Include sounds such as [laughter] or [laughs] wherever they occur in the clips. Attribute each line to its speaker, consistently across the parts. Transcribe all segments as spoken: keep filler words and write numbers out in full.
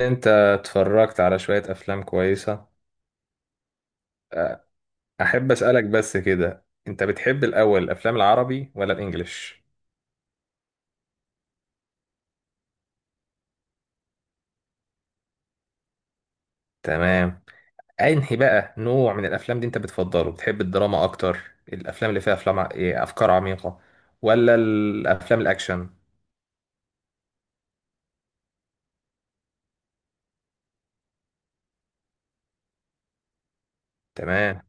Speaker 1: انت اتفرجت على شوية افلام كويسة. احب اسألك بس كده، انت بتحب الاول الافلام العربي ولا الانجليش؟ تمام. انهي بقى نوع من الافلام دي انت بتفضله؟ بتحب الدراما اكتر، الافلام اللي فيها افلام ع- ايه، افكار عميقة، ولا الافلام الاكشن؟ تمام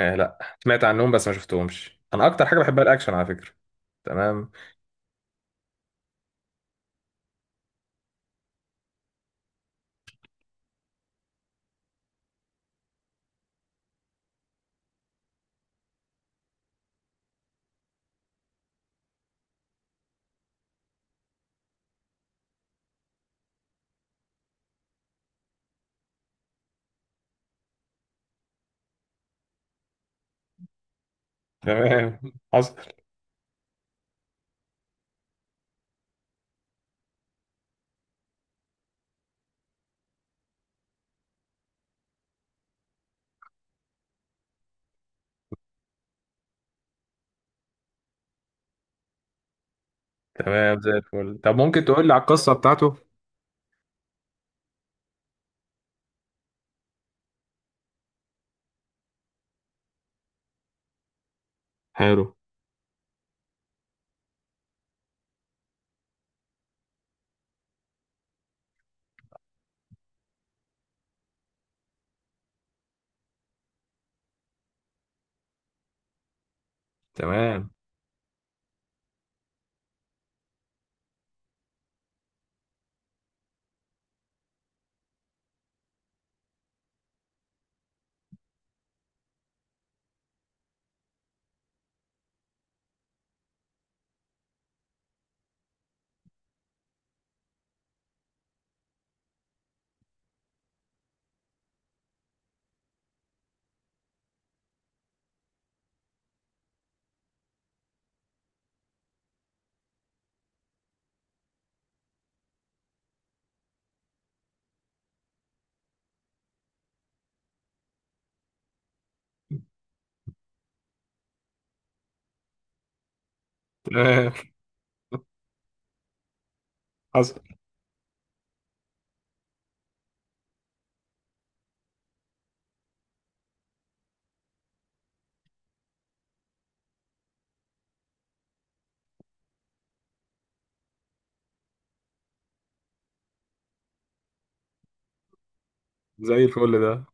Speaker 1: اه لا، سمعت عنهم بس ما شفتهمش. انا اكتر حاجة بحبها الاكشن على فكرة. تمام. [laughs] تمام. حصل. تمام زي الفل. طب ممكن تقول لي على القصة بتاعته؟ حلو. تمام. تمام. [laughs] حصل. زي الفل ده.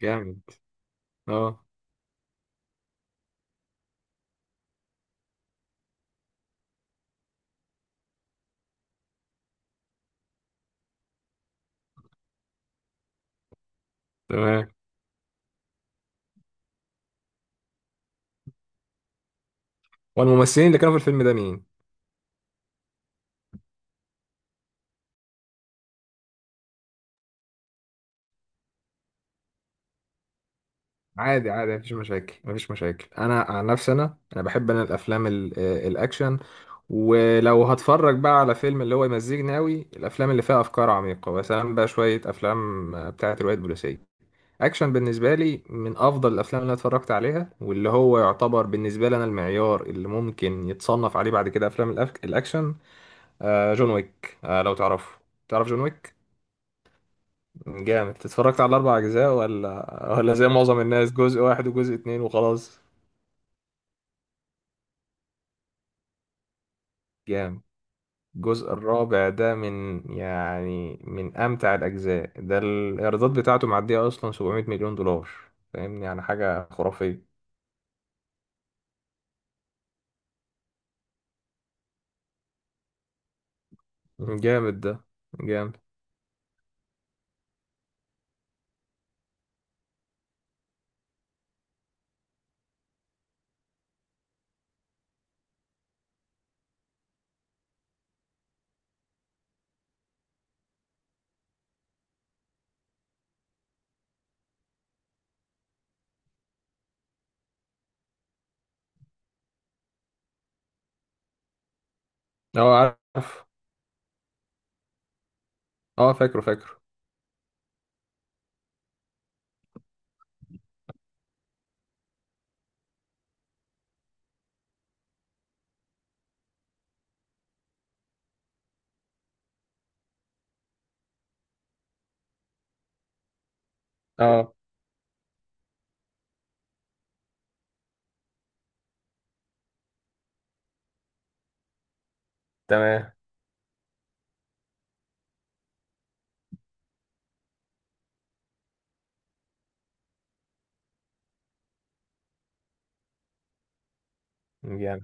Speaker 1: جامد. اه. تمام. والممثلين اللي كانوا في الفيلم ده مين؟ عادي عادي، مفيش مشاكل مفيش مشاكل. انا عن نفسي، انا انا بحب انا الافلام ال- آه، الاكشن. ولو هتفرج بقى على فيلم، اللي هو يمزجني قوي الافلام اللي فيها افكار عميقه، مثلا بقى شويه افلام آه، بتاعه روايات بوليسيه. اكشن بالنسبه لي من افضل الافلام اللي أنا اتفرجت عليها، واللي هو يعتبر بالنسبه لي انا المعيار اللي ممكن يتصنف عليه بعد كده افلام الأك- الاكشن. آه، جون ويك، آه، لو تعرفه. تعرف جون ويك؟ جامد. اتفرجت على الاربع اجزاء ولا ولا زي معظم الناس جزء واحد وجزء اتنين وخلاص؟ جامد. الجزء الرابع ده من يعني من امتع الاجزاء. ده الايرادات بتاعته معديه اصلا سبعمية مليون دولار، فاهمني؟ يعني حاجه خرافيه. جامد ده. جامد. اه. عارف. اه، فاكره فاكره. اه. تمام. جامد.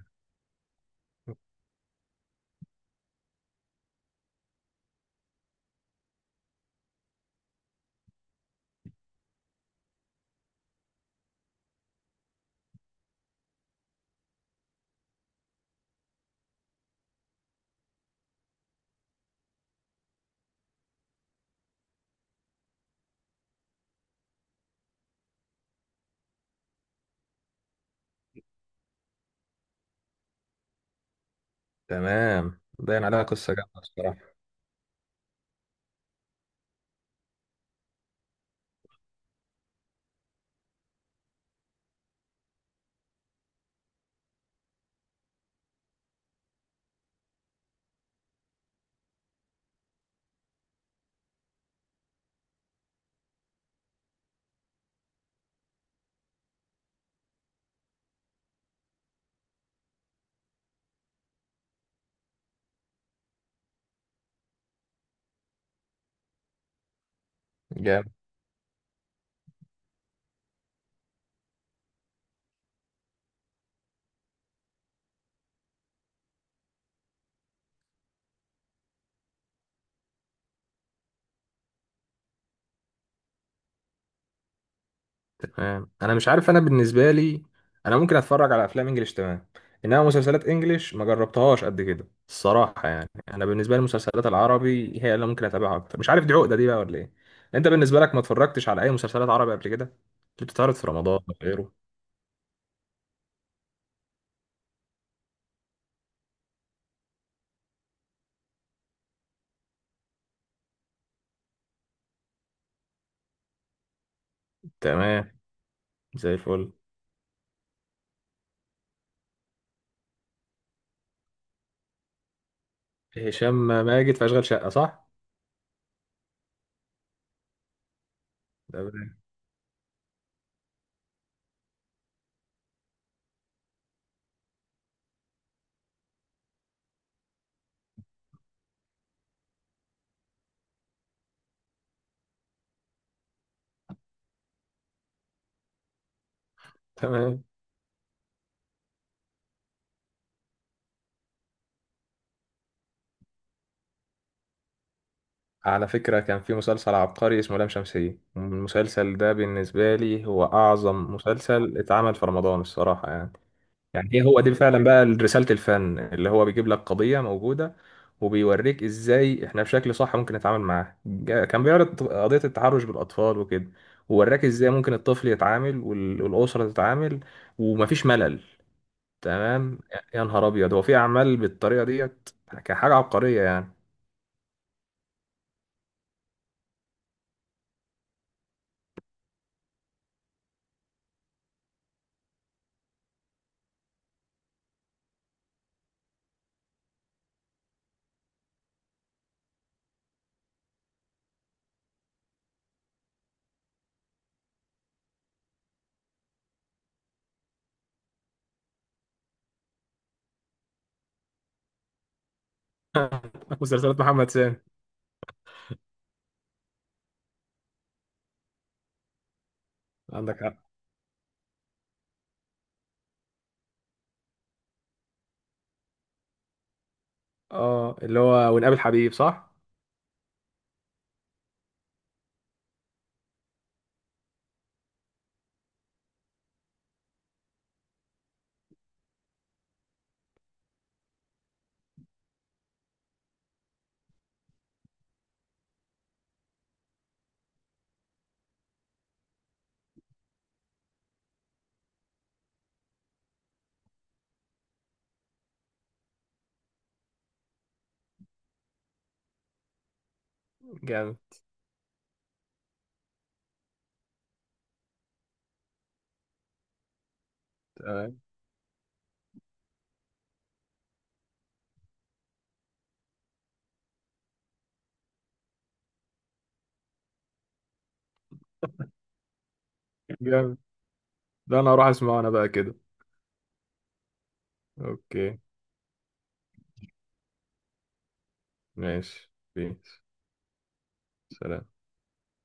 Speaker 1: تمام، باين عليها قصه جامده بصراحه. جامد. تمام. انا مش عارف، انا بالنسبه لي انا ممكن اتفرج على افلام انجليش تمام، انما مسلسلات انجليش ما جربتهاش قد كده الصراحه. يعني انا بالنسبه لي المسلسلات العربي هي اللي ممكن اتابعها اكتر، مش عارف دي عقده دي بقى ولا ايه. انت بالنسبه لك ما اتفرجتش على اي مسلسلات عربي قبل كده، اللي بتتعرض في رمضان أو غيره؟ تمام. زي الفل. هشام ماجد في اشغال شقه، صح؟ تمام. تمام. على فكرة، كان في مسلسل عبقري اسمه لام شمسية. المسلسل ده بالنسبة لي هو أعظم مسلسل اتعمل في رمضان الصراحة يعني. يعني ايه هو، دي فعلا بقى رسالة الفن، اللي هو بيجيب لك قضية موجودة وبيوريك ازاي احنا بشكل صح ممكن نتعامل معاها. جا- كان بيعرض قضية التحرش بالاطفال وكده، ووراك ازاي ممكن الطفل يتعامل وال- والاسرة تتعامل، ومفيش ملل. تمام. يا نهار ابيض، هو في اعمال بالطريقة ديت كحاجة عبقرية يعني؟ [laughs] مسلسلات محمد سامي. عندك حق. اه اللي هو ونقابل حبيب، صح؟ جامد. تمام. جامد ده، انا هروح اسمعه انا بقى كده. اوكي. ماشي، بيس. سلام.